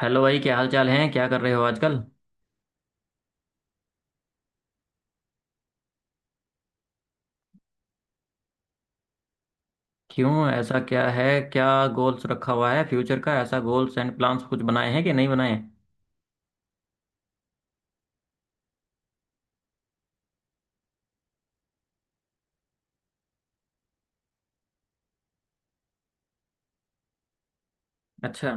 Hello भाई, क्या हाल चाल है? क्या कर रहे हो आजकल? क्यों, ऐसा क्या है? क्या गोल्स रखा हुआ है फ्यूचर का? ऐसा गोल्स एंड प्लान्स कुछ बनाए हैं कि नहीं बनाए हैं? अच्छा।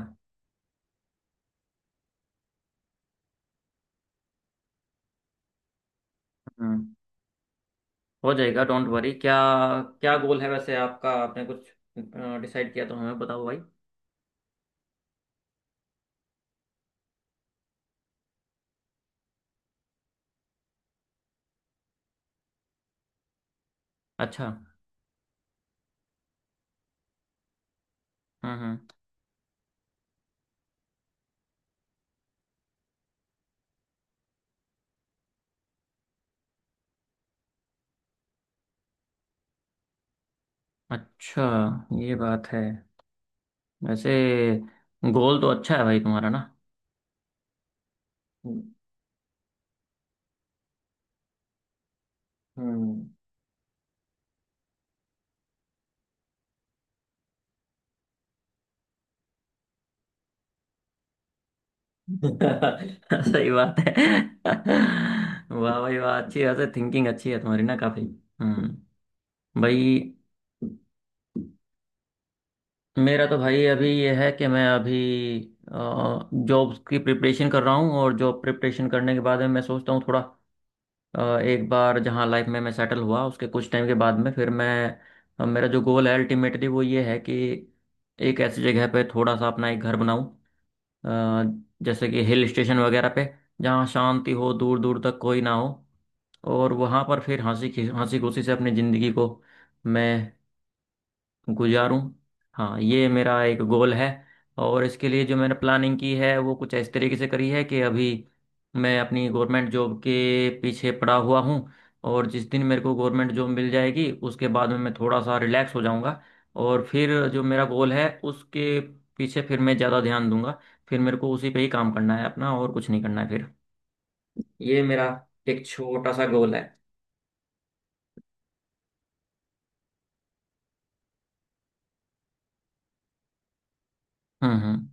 हम्म। हो जाएगा, डोंट वरी। क्या क्या गोल है वैसे आपका? आपने कुछ डिसाइड किया तो हमें बताओ भाई। अच्छा। हम्म। अच्छा, ये बात है। वैसे गोल तो अच्छा है भाई तुम्हारा ना। हम्म। सही बात है। वाह भाई वाह, अच्छी वैसे थिंकिंग अच्छी है तुम्हारी ना काफी। हम्म। भाई मेरा तो भाई अभी ये है कि मैं अभी जॉब की प्रिपरेशन कर रहा हूँ, और जॉब प्रिपरेशन करने के बाद में मैं सोचता हूँ थोड़ा एक बार जहाँ लाइफ में मैं सेटल हुआ उसके कुछ टाइम के बाद में फिर मैं मेरा जो गोल है अल्टीमेटली वो ये है कि एक ऐसी जगह पे थोड़ा सा अपना एक घर बनाऊँ, जैसे कि हिल स्टेशन वगैरह पे, जहाँ शांति हो, दूर दूर तक कोई ना हो, और वहाँ पर फिर हंसी खुशी से अपनी ज़िंदगी को मैं गुजारूं। हाँ, ये मेरा एक गोल है। और इसके लिए जो मैंने प्लानिंग की है वो कुछ इस तरीके से करी है कि अभी मैं अपनी गवर्नमेंट जॉब के पीछे पड़ा हुआ हूँ, और जिस दिन मेरे को गवर्नमेंट जॉब मिल जाएगी उसके बाद में मैं थोड़ा सा रिलैक्स हो जाऊंगा, और फिर जो मेरा गोल है उसके पीछे फिर मैं ज़्यादा ध्यान दूंगा। फिर मेरे को उसी पे ही काम करना है अपना, और कुछ नहीं करना है फिर। ये मेरा एक छोटा सा गोल है। हम्म।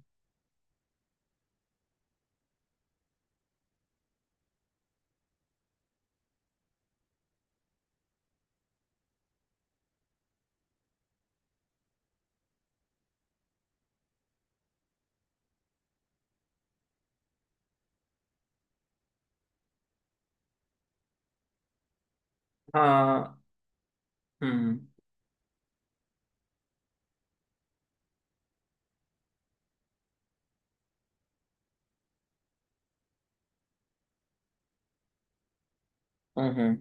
हाँ। हम्म हम्म।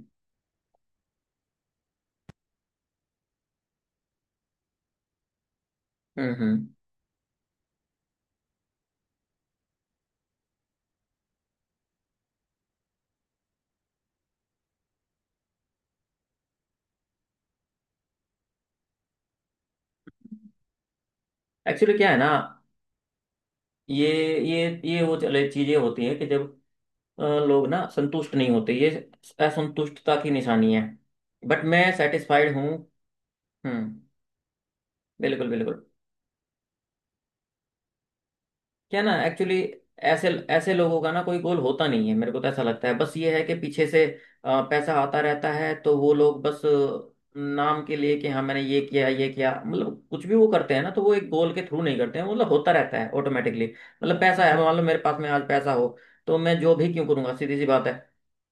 हम्म। एक्चुअली क्या है ना, ये ये वो चले चीजें होती हैं कि जब लोग ना संतुष्ट नहीं होते, ये असंतुष्टता की निशानी है। बट मैं सेटिस्फाइड हूँ। हम्म। बिल्कुल बिल्कुल। क्या ना एक्चुअली, ऐसे ऐसे लोगों का ना कोई गोल होता नहीं है, मेरे को तो ऐसा लगता है। बस ये है कि पीछे से पैसा आता रहता है तो वो लोग बस नाम के लिए कि हाँ मैंने ये किया ये किया, मतलब कुछ भी वो करते हैं ना तो वो एक गोल के थ्रू नहीं करते हैं, मतलब होता रहता है ऑटोमेटिकली। मतलब पैसा है, मान लो मेरे पास में आज पैसा हो तो मैं जो भी क्यों करूंगा, सीधी सी बात है।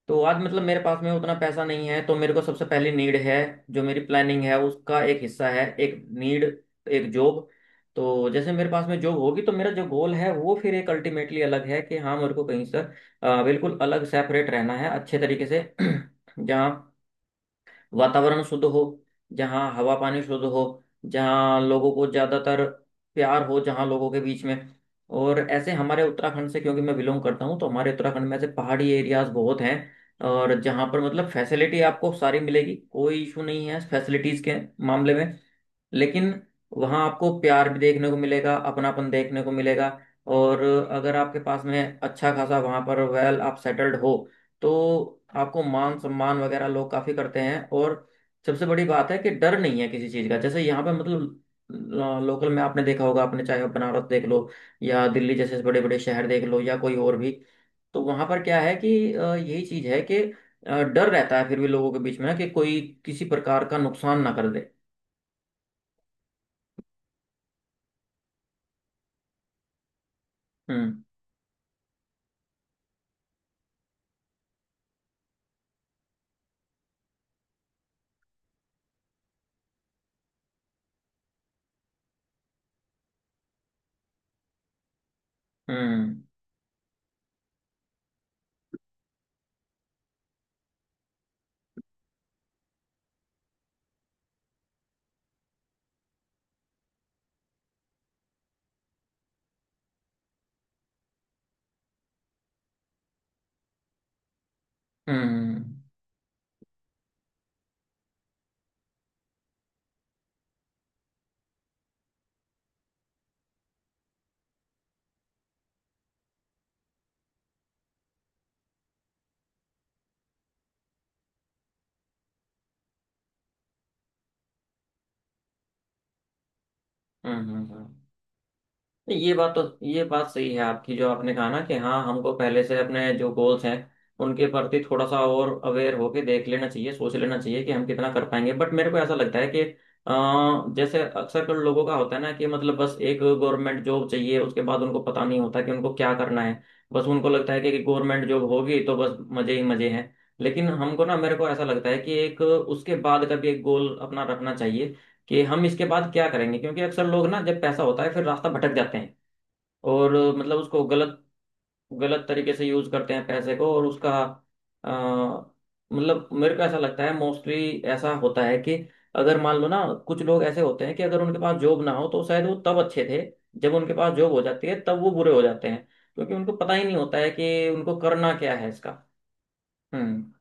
तो आज मतलब मेरे पास में उतना पैसा नहीं है तो मेरे को सबसे पहली नीड है, जो मेरी प्लानिंग है उसका एक हिस्सा है, एक नीड, एक जॉब। तो जैसे मेरे पास में जॉब होगी तो मेरा जो गोल है वो फिर एक अल्टीमेटली अलग है कि हाँ मेरे को कहीं से बिल्कुल अलग सेपरेट रहना है, अच्छे तरीके से जहाँ वातावरण शुद्ध हो, जहाँ हवा पानी शुद्ध हो, जहाँ लोगों को ज़्यादातर प्यार हो जहाँ लोगों के बीच में। और ऐसे हमारे उत्तराखंड से क्योंकि मैं बिलोंग करता हूँ, तो हमारे उत्तराखंड में ऐसे पहाड़ी एरियाज बहुत हैं, और जहाँ पर मतलब फैसिलिटी आपको सारी मिलेगी, कोई इशू नहीं है फैसिलिटीज़ के मामले में। लेकिन वहां आपको प्यार भी देखने को मिलेगा, अपनापन देखने को मिलेगा। और अगर आपके पास में अच्छा खासा वहां पर वेल आप सेटल्ड हो तो आपको मान सम्मान वगैरह लोग काफी करते हैं। और सबसे बड़ी बात है कि डर नहीं है किसी चीज का, जैसे यहाँ पे मतलब लोकल में आपने देखा होगा, आपने चाहे आप बनारस देख लो या दिल्ली जैसे बड़े बड़े शहर देख लो या कोई और भी, तो वहां पर क्या है कि यही चीज है कि डर रहता है फिर भी लोगों के बीच में कि कोई किसी प्रकार का नुकसान ना कर दे। हम्म हम्म। हम्म हम्म। ये बात तो, ये बात सही है आपकी जो आपने कहा ना कि हाँ हमको पहले से अपने जो गोल्स हैं उनके प्रति थोड़ा सा और अवेयर होके देख लेना चाहिए, सोच लेना चाहिए कि हम कितना कर पाएंगे। बट मेरे को ऐसा लगता है कि जैसे अक्सर कर लोगों का होता है ना कि मतलब बस एक गवर्नमेंट जॉब चाहिए, उसके बाद उनको पता नहीं होता कि उनको क्या करना है। बस उनको लगता है कि गवर्नमेंट जॉब होगी तो बस मजे ही मजे हैं। लेकिन हमको ना, मेरे को ऐसा लगता है कि एक उसके बाद का भी एक गोल अपना रखना चाहिए कि हम इसके बाद क्या करेंगे, क्योंकि अक्सर लोग ना जब पैसा होता है फिर रास्ता भटक जाते हैं और मतलब उसको गलत गलत तरीके से यूज करते हैं पैसे को और उसका अ, मतलब मेरे को ऐसा लगता है मोस्टली ऐसा होता है कि अगर मान लो ना, कुछ लोग ऐसे होते हैं कि अगर उनके पास जॉब ना हो तो शायद वो तब अच्छे थे, जब उनके पास जॉब हो जाती है तब वो बुरे हो जाते हैं, क्योंकि उनको पता ही नहीं होता है कि उनको करना क्या है इसका। हम्म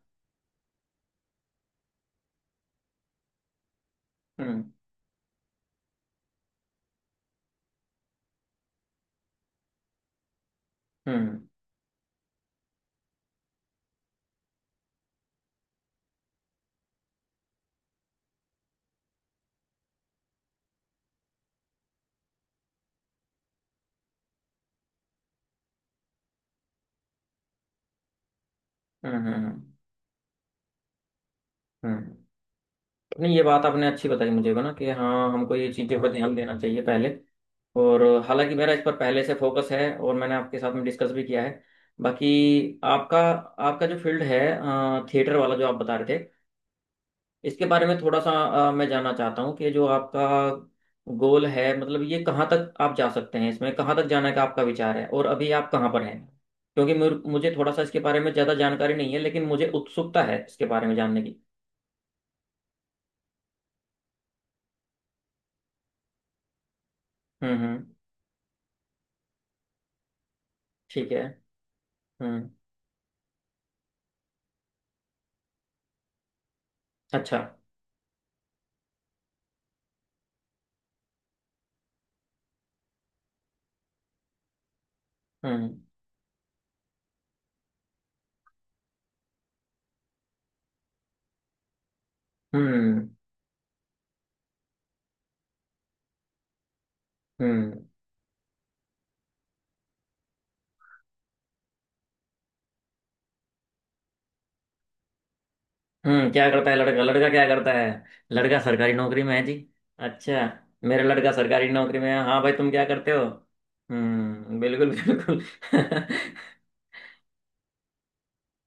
हम्म। हम्म हम्म। हम्म। नहीं, ये बात आपने अच्छी बताई मुझे ना कि हाँ हमको ये चीज़ों पर ध्यान देना चाहिए पहले। और हालांकि मेरा इस पर पहले से फोकस है और मैंने आपके साथ में डिस्कस भी किया है। बाकी आपका, आपका जो फील्ड है थिएटर वाला जो आप बता रहे थे, इसके बारे में थोड़ा सा मैं जानना चाहता हूँ कि जो आपका गोल है मतलब ये कहाँ तक आप जा सकते हैं, इसमें कहाँ तक जाने का आपका विचार है, और अभी आप कहाँ पर हैं। क्योंकि मुझे थोड़ा सा इसके बारे में ज़्यादा जानकारी नहीं है, लेकिन मुझे उत्सुकता है इसके बारे में जानने की। हम्म। ठीक है। हम्म। अच्छा। हम्म हम्म। हम्म हम्म। क्या करता है लड़का? लड़का क्या करता है? लड़का सरकारी नौकरी में है जी। अच्छा। मेरा लड़का सरकारी नौकरी में है। हाँ भाई, तुम क्या करते हो? हम्म, बिल्कुल बिल्कुल।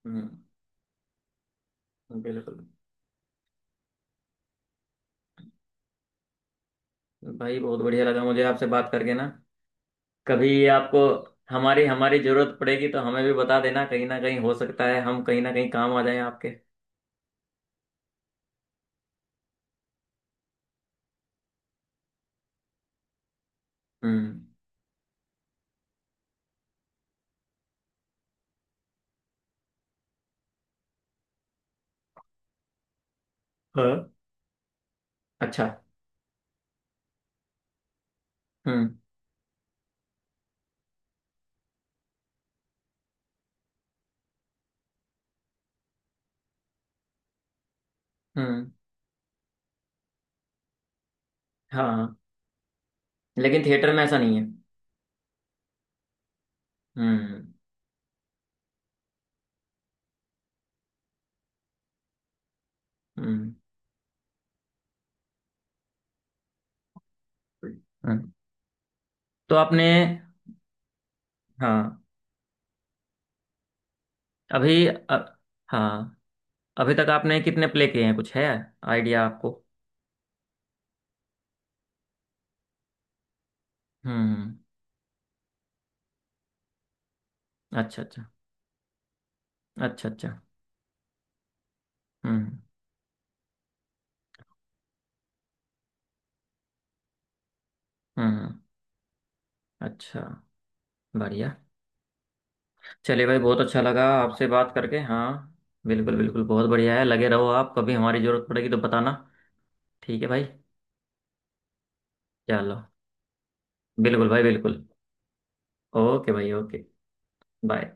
हम्म, बिल्कुल। भाई बहुत बढ़िया लगा मुझे आपसे बात करके ना। कभी आपको हमारी, हमारी जरूरत पड़ेगी तो हमें भी बता देना, कहीं ना कहीं हो सकता है हम कहीं ना कहीं काम आ जाएं आपके। हम्म। हाँ। अच्छा। हम्म हम्म। हाँ, लेकिन थिएटर में ऐसा नहीं है। हम्म हम्म। हाँ, तो आपने। हाँ। अभी हाँ अभी तक आपने कितने प्ले किए हैं, कुछ है आइडिया आपको? हम्म। अच्छा अच्छा। अच्छा अच्छा। हम्म हम्म हम्म, अच्छा, बढ़िया। चलिए भाई, बहुत अच्छा लगा आपसे बात करके। हाँ, बिल्कुल बिल्कुल, बहुत बढ़िया है, लगे रहो आप। कभी हमारी ज़रूरत पड़ेगी तो बताना। ठीक है भाई। चलो, बिल्कुल भाई बिल्कुल। ओके भाई, ओके। बाय।